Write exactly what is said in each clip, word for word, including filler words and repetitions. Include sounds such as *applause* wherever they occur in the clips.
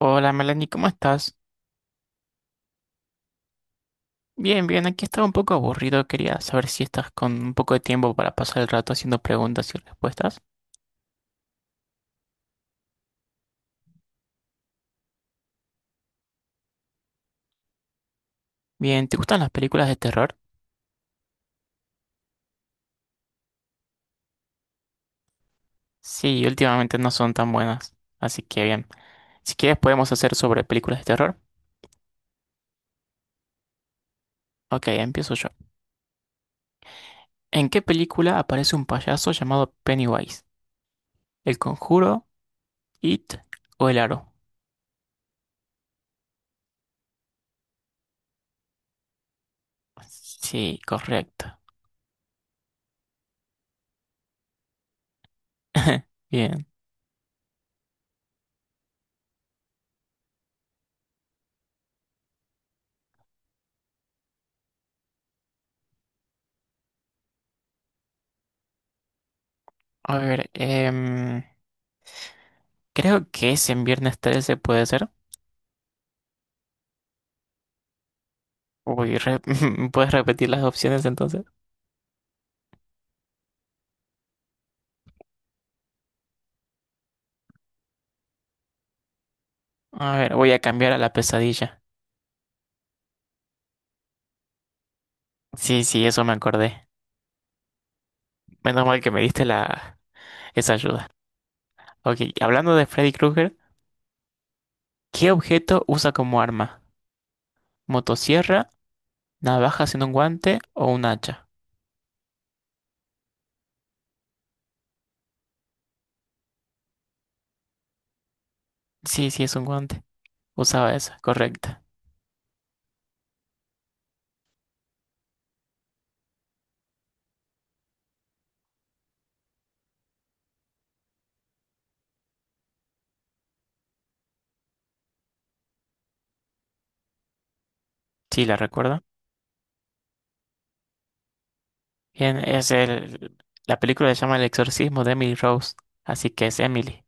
Hola Melanie, ¿cómo estás? Bien, bien, aquí estaba un poco aburrido, quería saber si estás con un poco de tiempo para pasar el rato haciendo preguntas y respuestas. Bien, ¿te gustan las películas de terror? Sí, últimamente no son tan buenas, así que bien. Si quieres podemos hacer sobre películas de terror. Ok, empiezo yo. ¿En qué película aparece un payaso llamado Pennywise? ¿El Conjuro, It o El Aro? Sí, correcto. *laughs* Bien. A ver, em, creo que es en Viernes trece, puede ser. Uy, re- *laughs* ¿puedes repetir las opciones entonces? A ver, voy a cambiar a la pesadilla. Sí, sí, eso me acordé. Menos mal que me diste la esa ayuda. Ok, hablando de Freddy Krueger, ¿qué objeto usa como arma? ¿Motosierra, navaja sin un guante o un hacha? Sí, sí, es un guante. Usaba esa, correcta. Sí, la recuerdo. Bien, es el... La película se llama El exorcismo de Emily Rose, así que es Emily,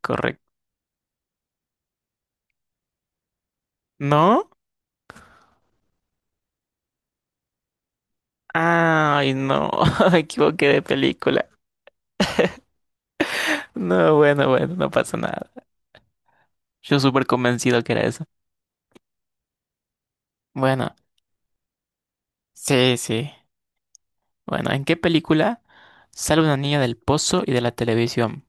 correcto. ¿No? Ay, no, *laughs* me equivoqué de película. No, bueno, bueno, no pasa nada. Yo súper convencido que era eso. Bueno, sí, sí. Bueno, ¿en qué película sale una niña del pozo y de la televisión?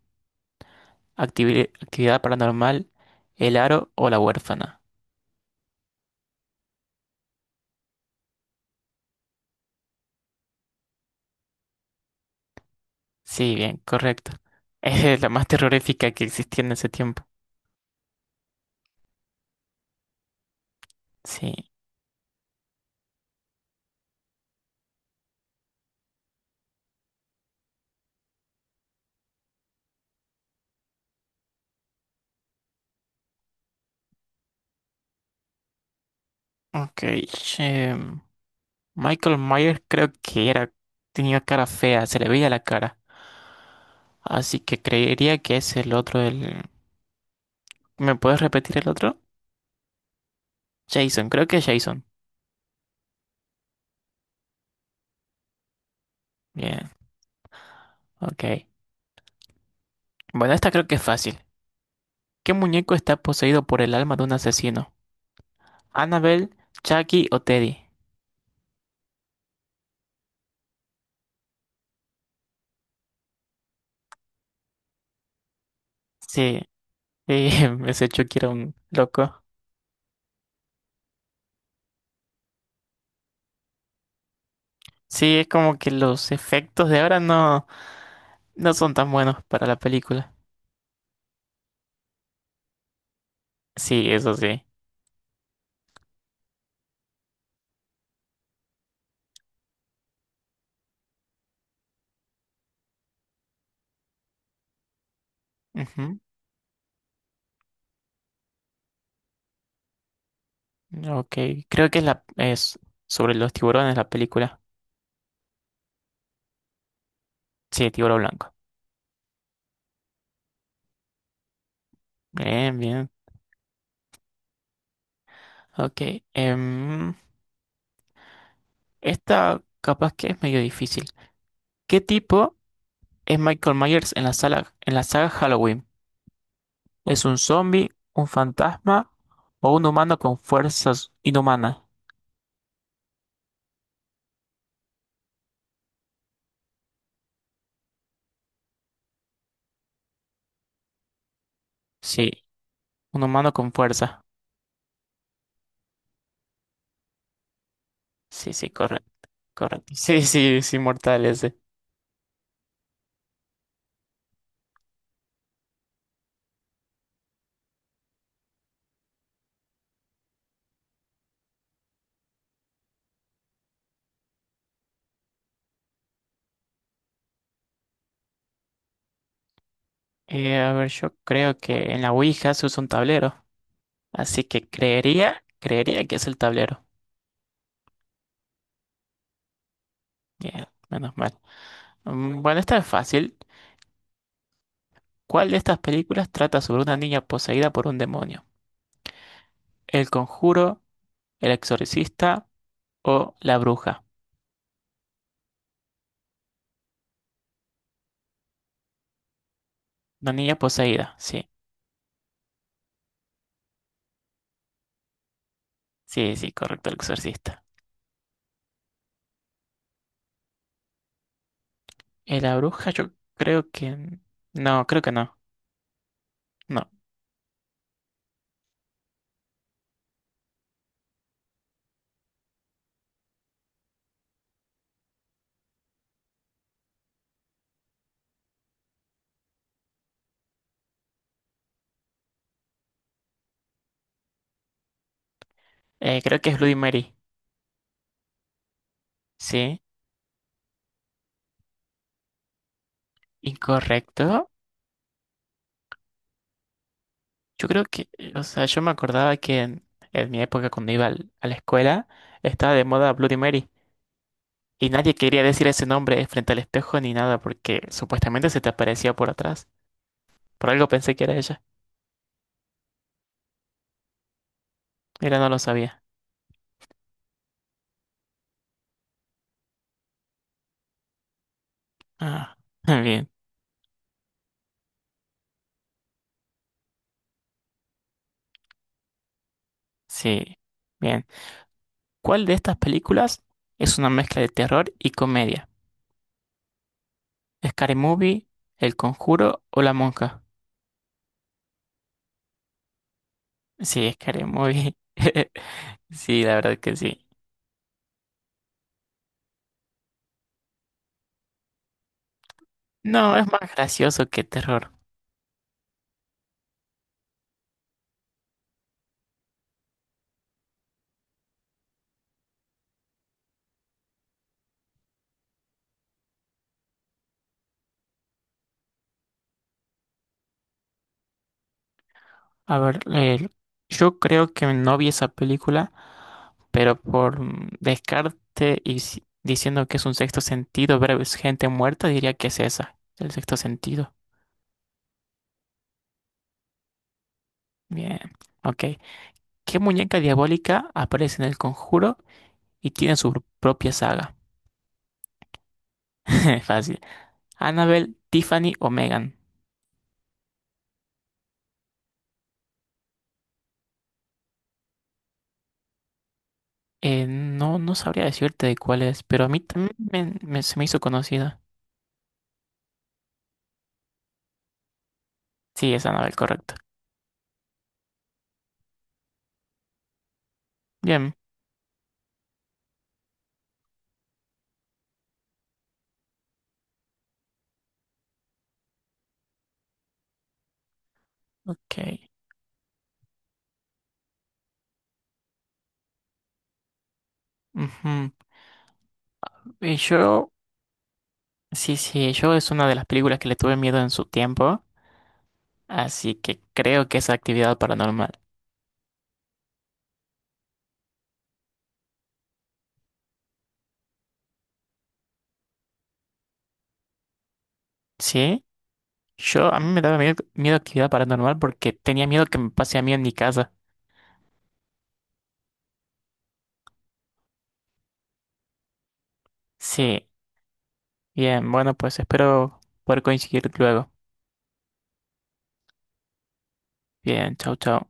Activi- actividad paranormal, El Aro o La Huérfana. Sí, bien, correcto. *laughs* Es la más terrorífica que existía en ese tiempo. Sí. Ok. em, Michael Myers creo que era, tenía cara fea, se le veía la cara. Así que creería que es el otro, el... ¿Me puedes repetir el otro? Jason, creo que es Jason. Bien, ok. Bueno, esta creo que es fácil. ¿Qué muñeco está poseído por el alma de un asesino? ¿Annabelle, Chucky o Teddy? Sí, sí, *laughs* ese Chucky era un loco. Sí, es como que los efectos de ahora no, no son tan buenos para la película. Sí, eso sí. Ujú. Ok, creo que es, la, es sobre los tiburones la película. Sí, tiburón blanco. Bien, bien. Ok. em, esta capaz que es medio difícil. ¿Qué tipo? Es Michael Myers en la sala, en la saga Halloween. ¿Es un zombie, un fantasma o un humano con fuerzas inhumanas? Sí, un humano con fuerza. Sí, sí, correcto, correcto. Sí, sí, es inmortal ese. Eh, a ver, yo creo que en la Ouija se usa un tablero. Así que creería, creería que es el tablero. Bien, menos mal. Mm, bueno, esta es fácil. ¿Cuál de estas películas trata sobre una niña poseída por un demonio? ¿El Conjuro, El Exorcista o La Bruja? Una niña poseída, sí. Sí, sí, correcto, el exorcista. Eh, la bruja, yo creo que... No, creo que no. No. Eh, creo que es Bloody Mary. Sí. Incorrecto. Yo creo que... O sea, yo me acordaba que en, en mi época cuando iba al- a la escuela estaba de moda Bloody Mary. Y nadie quería decir ese nombre frente al espejo ni nada porque supuestamente se te aparecía por atrás. Por algo pensé que era ella. Mira, no lo sabía. Ah, *laughs* bien. Sí. Bien. ¿Cuál de estas películas es una mezcla de terror y comedia? ¿Scary Movie, El Conjuro o La Monja? Sí, Scary Movie. *laughs* Sí, la verdad que sí. No, es más gracioso que terror. A ver, eh, yo creo que no vi esa película, pero por mm, descarte y si- diciendo que es un sexto sentido, ver es gente muerta, diría que es esa, el sexto sentido. Bien, ok. ¿Qué muñeca diabólica aparece en El Conjuro y tiene su propia saga? *laughs* Fácil. Annabelle, Tiffany o Megan. Eh, no, no sabría decirte de cuál es, pero a mí también me- me- se me hizo conocida. Sí, es Annabelle, correcto. Bien, ok. Ujú. Y yo, sí, sí, yo es una de las películas que le tuve miedo en su tiempo, así que creo que es actividad paranormal. Sí, yo, a mí me daba miedo, miedo actividad paranormal porque tenía miedo que me pase a mí en mi casa. Sí, bien, bueno, pues espero poder coincidir luego. Bien, chau, chau.